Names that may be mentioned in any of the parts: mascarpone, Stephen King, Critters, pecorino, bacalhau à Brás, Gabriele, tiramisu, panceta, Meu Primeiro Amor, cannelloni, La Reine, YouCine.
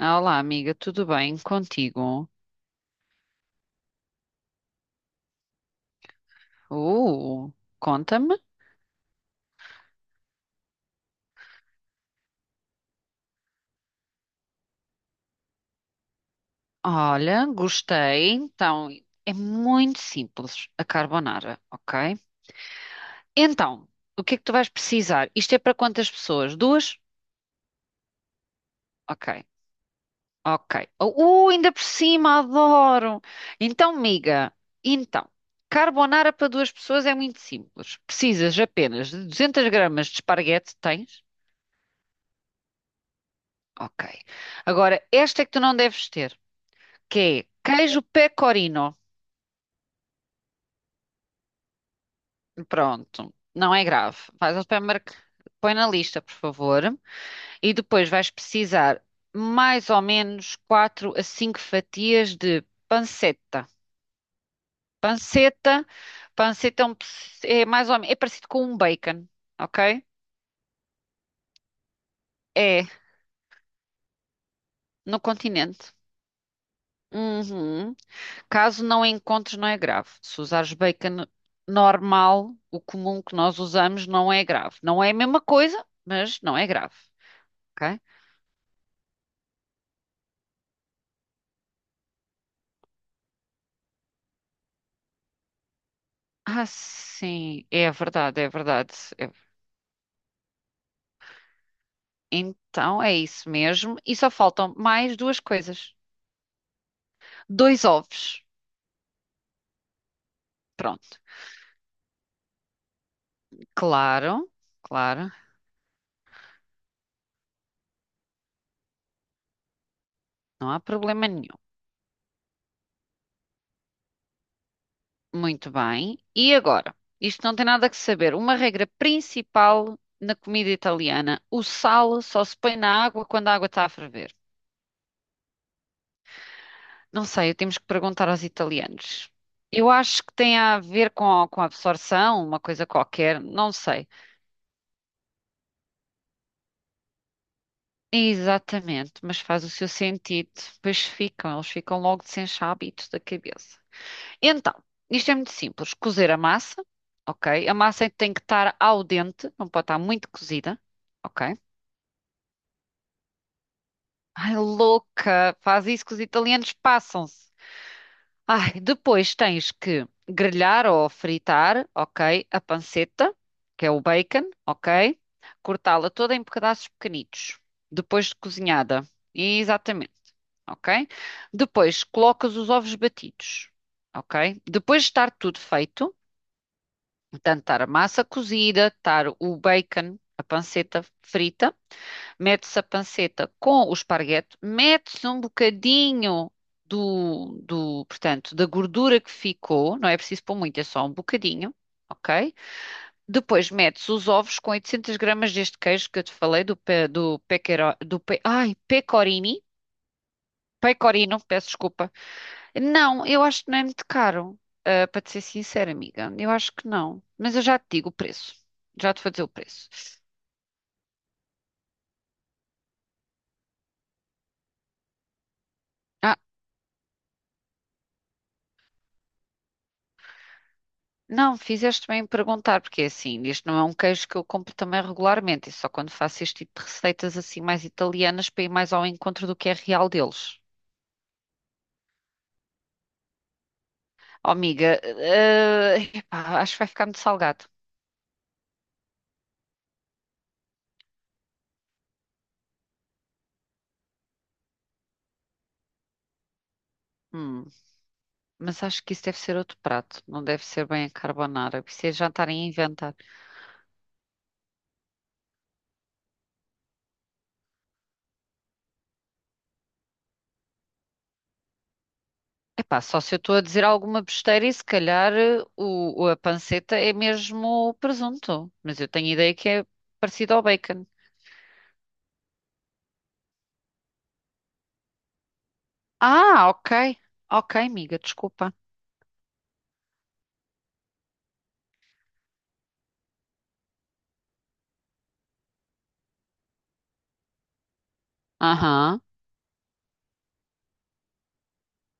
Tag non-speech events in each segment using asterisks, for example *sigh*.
Ah, olá, amiga, tudo bem contigo? Uh, Conta-me. Olha, gostei. Então, é muito simples a carbonara, ok? Então, o que é que tu vais precisar? Isto é para quantas pessoas? Duas? Ok, ok. Ainda por cima, adoro! Então, amiga, então, carbonara para duas pessoas é muito simples. Precisas apenas de 200 gramas de esparguete, tens? Ok. Agora, esta é que tu não deves ter. Que é queijo pecorino. Pronto, não é grave. Vais ao supermercado, põe na lista, por favor, e depois vais precisar mais ou menos 4 a 5 fatias de panceta. Panceta, panceta é, é mais ou menos, é parecido com um bacon, ok? É, no continente. Uhum. Caso não encontres, não é grave. Se usares bacon normal, o comum que nós usamos, não é grave. Não é a mesma coisa, mas não é grave. Ok? Ah, sim, é verdade, é verdade. É- Então é isso mesmo. E só faltam mais duas coisas: dois ovos. Pronto, claro, claro, não há problema nenhum. Muito bem. E agora? Isto não tem nada que saber. Uma regra principal na comida italiana: o sal só se põe na água quando a água está a ferver. Não sei, temos que perguntar aos italianos. Eu acho que tem a ver com a absorção, uma coisa qualquer, não sei. Exatamente, mas faz o seu sentido. Pois ficam, eles ficam logo sem hábitos da cabeça. Então, isto é muito simples: cozer a massa, ok? A massa tem que estar ao dente, não pode estar muito cozida, ok? Ai, louca! Faz isso que os italianos passam-se. Ai, depois tens que grelhar ou fritar, ok, a panceta, que é o bacon, ok? Cortá-la toda em pedaços pequenitos, depois de cozinhada. Exatamente, ok? Depois colocas os ovos batidos, ok? Depois de estar tudo feito, portanto, estar a massa cozida, estar o bacon, a panceta frita, metes a panceta com o esparguete, metes um bocadinho portanto, da gordura que ficou, não é preciso pôr muito, é só um bocadinho, ok? Depois metes os ovos com 800 gramas deste queijo que eu te falei, do, pe, do, pequero, do pe, ai, pecorino, peço desculpa. Não, eu acho que não é muito caro, ah, para te ser sincera, amiga, eu acho que não, mas eu já te digo o preço, já te vou dizer o preço. Ah, não, fizeste bem em perguntar, porque é assim, isto não é um queijo que eu compro também regularmente, e só quando faço este tipo de receitas assim mais italianas para ir mais ao encontro do que é real deles. Oh, amiga, *laughs* epá, acho que vai ficar muito salgado. Hum, mas acho que isso deve ser outro prato, não deve ser bem a carbonara, porque isso é jantar a inventar. Epá, só se eu estou a dizer alguma besteira e se calhar a panceta é mesmo o presunto, mas eu tenho ideia que é parecido ao bacon. Ah, ok, ok, amiga, desculpa. Aham.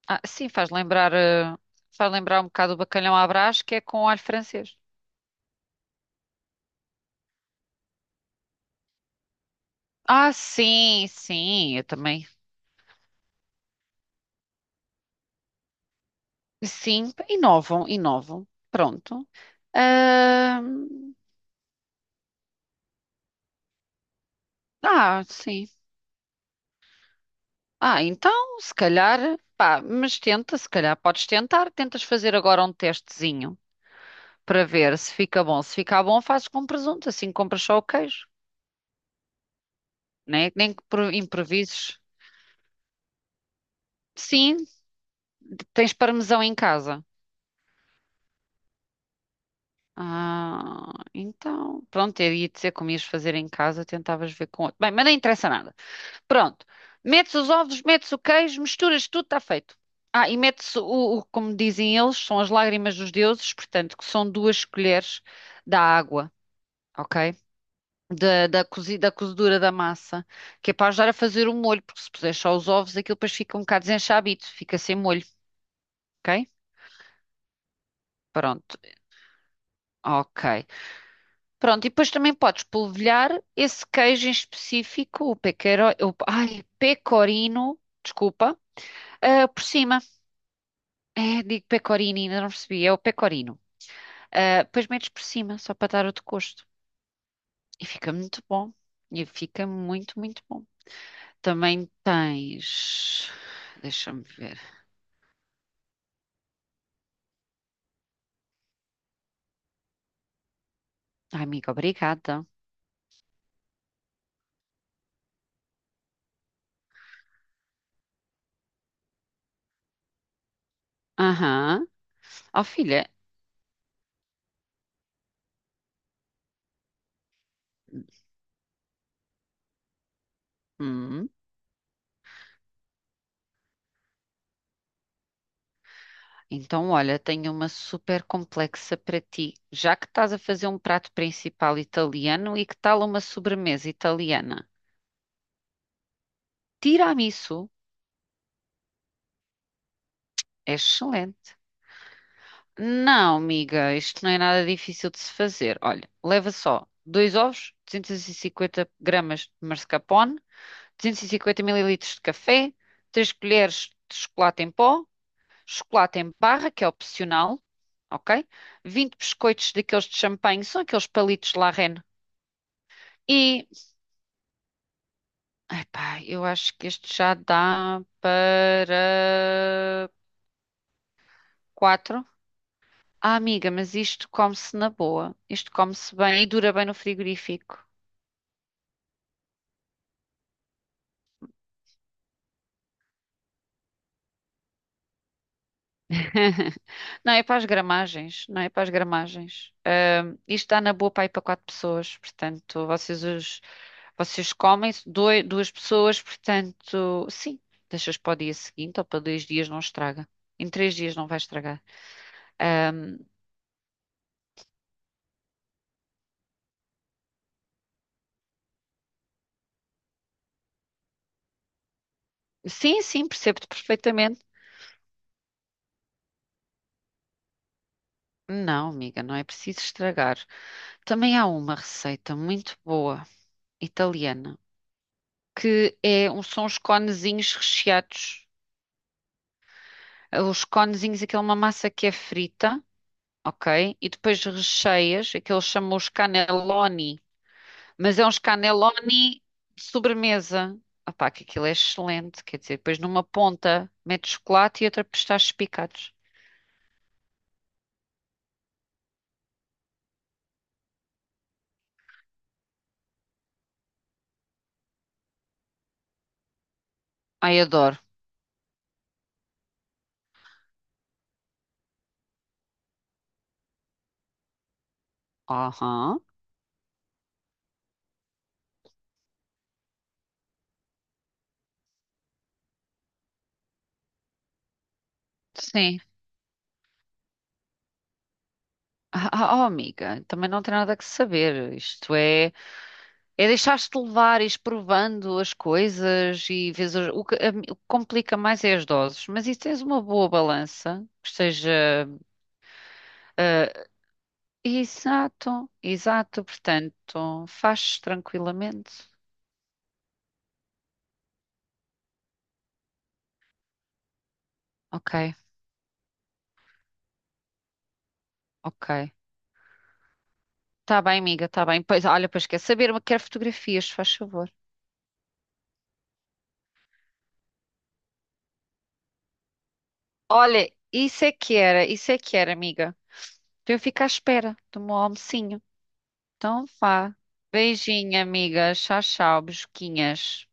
Ah, sim, faz lembrar um bocado o bacalhau à Brás, que é com alho francês. Ah, sim, sim, eu também. Sim, inovam, inovam. Pronto. Ah, ah, sim. Ah, então, se calhar, pá, mas tenta, se calhar podes tentar. Tentas fazer agora um testezinho para ver se fica bom. Se ficar bom, fazes com presunto, assim compras só o queijo, né? Nem que improvises. Sim, tens parmesão em casa. Ah, então, pronto, eu ia dizer como ias fazer em casa, tentavas ver com outro. Bem, mas não interessa nada. Pronto, metes os ovos, metes o queijo, misturas tudo, está feito. Ah, e metes como dizem eles, são as lágrimas dos deuses, portanto, que são duas colheres da água, ok? Da cozedura da massa, que é para ajudar a fazer o molho, porque se puser só os ovos, aquilo depois fica um bocado desenchabido, fica sem molho, ok? Pronto, ok. Pronto, e depois também podes polvilhar esse queijo em específico, o pecorino, ai, pecorino, desculpa, ah, por cima. É, digo pecorino, ainda não percebi, é o pecorino. Ah, depois metes por cima, só para dar outro gosto. E fica muito bom. E fica muito, muito bom. Também tens. Deixa-me ver. Ai, amiga, obrigada. Aham. Ó, filha. hum, Então, olha, tenho uma super complexa para ti. Já que estás a fazer um prato principal italiano e que tal uma sobremesa italiana? Tiramisu é excelente. Não, amiga, isto não é nada difícil de se fazer. Olha, leva só dois ovos, 250 gramas de mascarpone, 250 mililitros de café, 3 colheres de chocolate em pó, chocolate em barra, que é opcional, ok? 20 biscoitos daqueles de champanhe, são aqueles palitos La Reine. E Epá, eu acho que este já dá para quatro. Ah, amiga, mas isto come-se na boa. Isto come-se bem e dura bem no frigorífico. *laughs* Não é para as gramagens, não é para as gramagens. Isto dá na boa para ir para quatro pessoas, portanto, vocês comem duas pessoas, portanto, sim, deixas para o dia seguinte ou para dois dias não estraga. Em três dias não vai estragar. Ahm, sim, sim, percebo-te perfeitamente. Não, amiga, não é preciso estragar. Também há uma receita muito boa, italiana, são os conezinhos recheados. Os conezinhos, aquela uma massa que é frita, ok? E depois recheias, aqueles chamam os cannelloni, mas é uns cannelloni de sobremesa. Opá, que aquilo é excelente, quer dizer, depois numa ponta metes chocolate e outra pistachos picados. Ai, adoro. Aham, sim. Ah, ah, oh, amiga, também não tem nada que saber. Isto é, deixar-te levar, ires provando as coisas e vês o que, o que complica mais é as doses. Mas e se tens uma boa balança, que esteja. Ah, exato, exato. Portanto, fazes tranquilamente. Ok, ok. Tá bem, amiga, tá bem. Pois, olha, pois quer saber, mas quero fotografias, faz favor. Olha, isso é que era, isso é que era, amiga. Para eu ficar à espera do meu almocinho. Então vá. Beijinho, amiga. Tchau, tchau, besquinhas.